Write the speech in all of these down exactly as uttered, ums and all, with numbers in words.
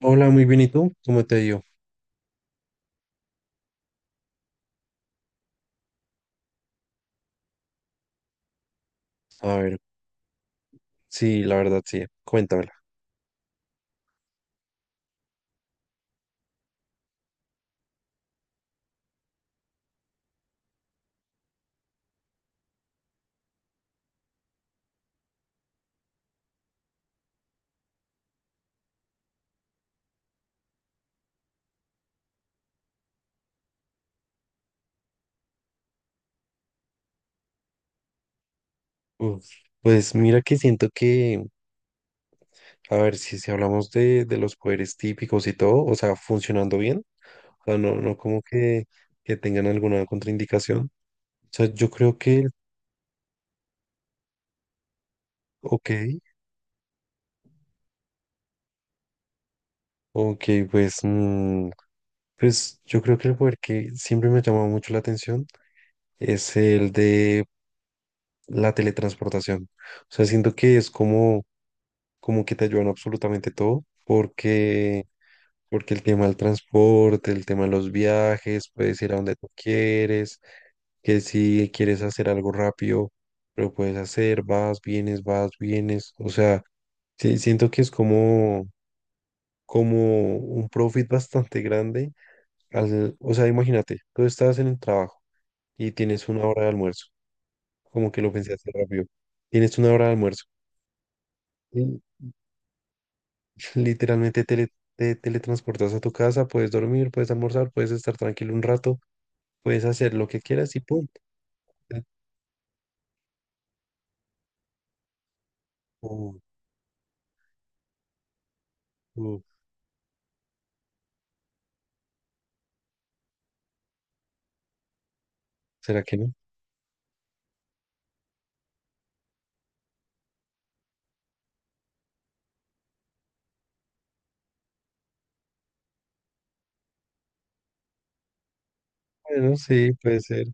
Hola, muy bien, ¿y tú? ¿Cómo te ha ido? A ver, sí, la verdad, sí, cuéntamela. Uf, pues mira que siento que, a ver, si, si hablamos de, de los poderes típicos y todo, o sea, funcionando bien, o sea, no, no como que, que tengan alguna contraindicación. O sea, yo creo que, el- ok, ok, pues, mm, pues yo creo que el poder que siempre me ha llamado mucho la atención es el de la teletransportación. O sea, siento que es como, como que te ayudan absolutamente todo, porque... Porque el tema del transporte, el tema de los viajes, puedes ir a donde tú quieres, que si quieres hacer algo rápido, lo puedes hacer, vas, vienes, vas, vienes. O sea, sí, siento que es como, como un profit bastante grande. Al- o sea, imagínate, tú estás en el trabajo y tienes una hora de almuerzo, como que lo pensé hacer rápido. Tienes una hora de almuerzo y literalmente tele- te teletransportas a tu casa, puedes dormir, puedes almorzar, puedes estar tranquilo un rato. Puedes hacer lo que quieras y punto. Eh, o- o, ¿será que no? Bueno, sí, puede ser.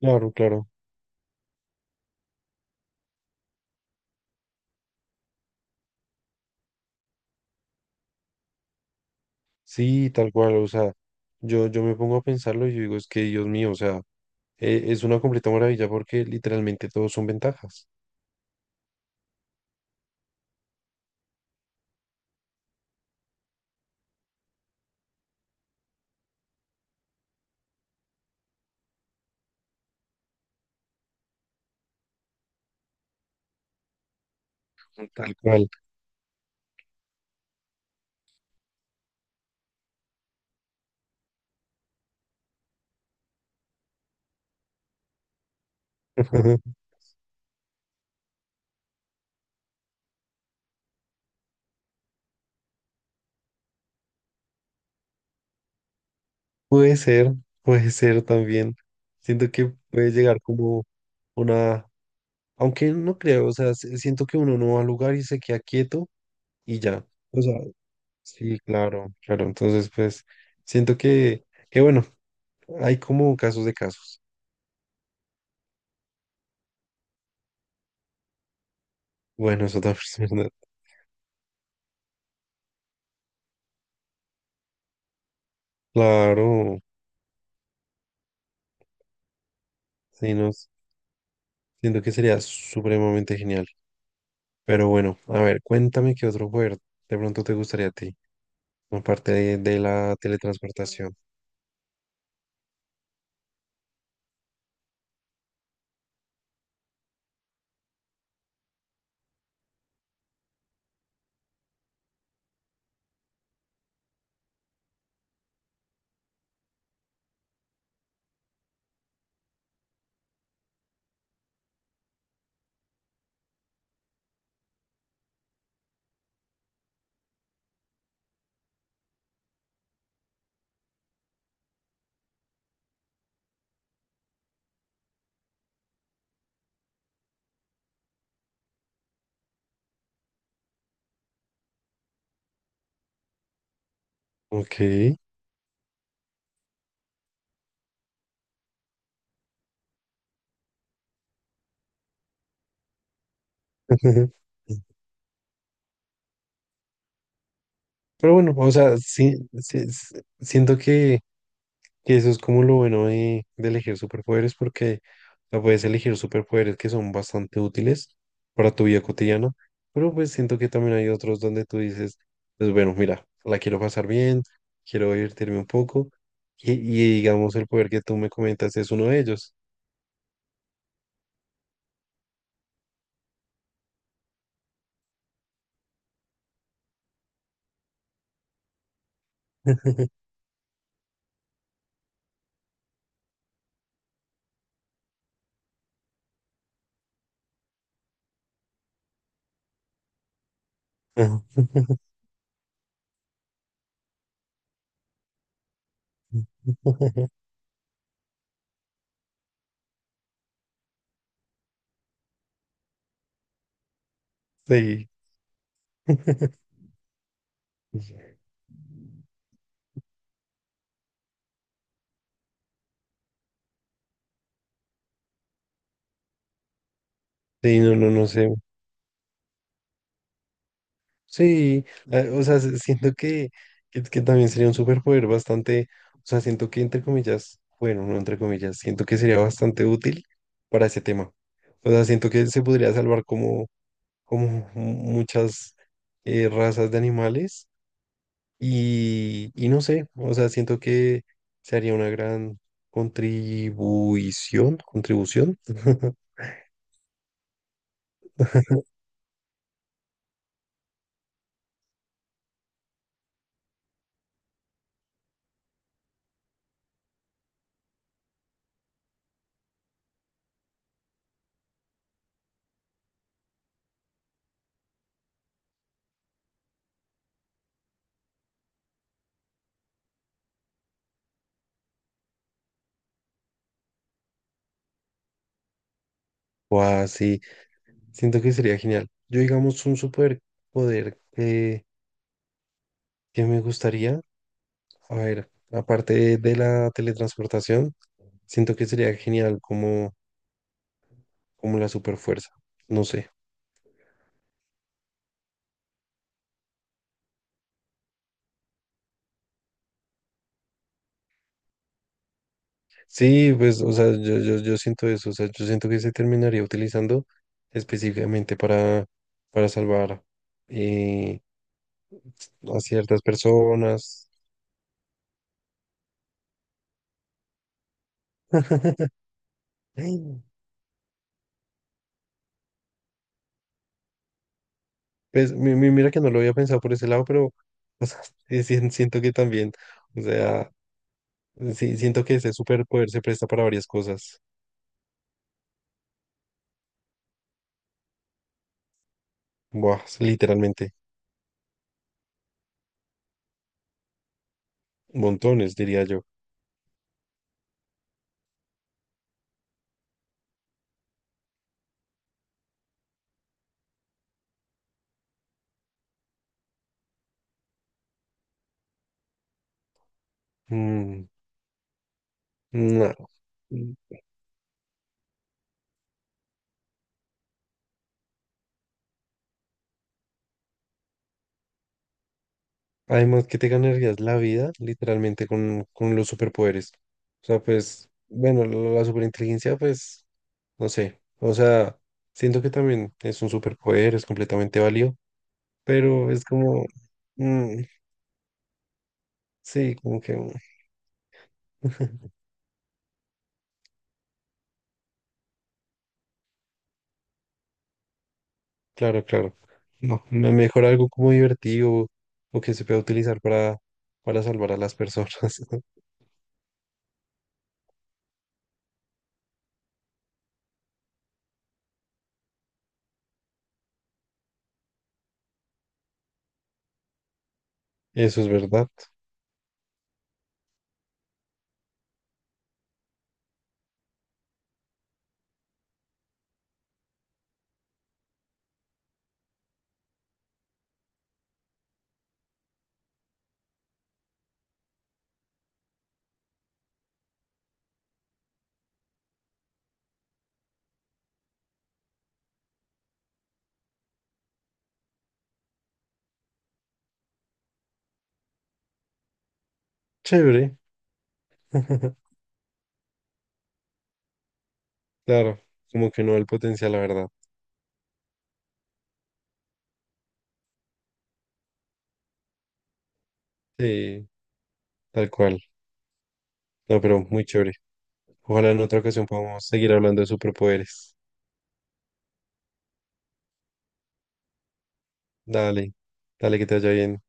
Claro, claro. Sí, tal cual. O sea, yo, yo me pongo a pensarlo y yo digo, es que Dios mío, o sea, eh, es una completa maravilla porque literalmente todos son ventajas. Tal cual. Puede ser, puede ser también. Siento que puede llegar como una, aunque no creo, o sea, si- siento que uno no va al lugar y se queda quieto y ya. O sea, sí, claro, claro. Entonces, pues, siento que, que bueno, hay como casos de casos. Bueno, eso también es verdad. Claro, sí, no, siento que sería supremamente genial. Pero bueno, a ver, cuéntame qué otro juego de pronto te gustaría a ti, aparte de, de la teletransportación. Ok. Pero bueno, o sea, sí, sí, sí, siento que Que eso es como lo bueno de, de elegir superpoderes, porque o sea, puedes elegir superpoderes que son bastante útiles para tu vida cotidiana, pero pues siento que también hay otros donde tú dices, pues bueno, mira, la quiero pasar bien, quiero divertirme un poco, y, y digamos el poder que tú me comentas es uno de ellos. Sí. Sí, no, no, no sé. Sí, eh, o sea, se- siento que, que, que también sería un superpoder bastante, o sea, siento que entre comillas, bueno, no entre comillas, siento que sería bastante útil para ese tema. O sea, siento que se podría salvar como, como muchas eh, razas de animales y, y no sé, o sea, siento que se haría una gran contribución, contribución, o así, siento que sería genial. Yo digamos un superpoder que, que me gustaría. A ver, aparte de la teletransportación, siento que sería genial como, como la superfuerza. No sé. Sí, pues, o sea, yo, yo, yo siento eso. O sea, yo siento que se terminaría utilizando específicamente para, para salvar eh, a ciertas personas. Pues, mi- mi- mira que no lo había pensado por ese lado, pero o sea, sí, sí, siento que también, o sea, sí, siento que ese superpoder se presta para varias cosas. Buah, literalmente, montones, diría yo. Mm, no. Además que te ganarías la vida literalmente con, con los superpoderes. O sea, pues, bueno, la, la superinteligencia, pues, no sé. O sea, siento que también es un superpoder, es completamente válido, pero es como, mm, sí, como que, mm, claro, claro. No, me- mejor algo como divertido o que se pueda utilizar para, para salvar a las personas. Eso es verdad. Chévere. Claro, como que no el potencial, la verdad. Sí, tal cual. No, pero muy chévere. Ojalá en otra ocasión podamos seguir hablando de superpoderes. Dale, dale que te vaya bien.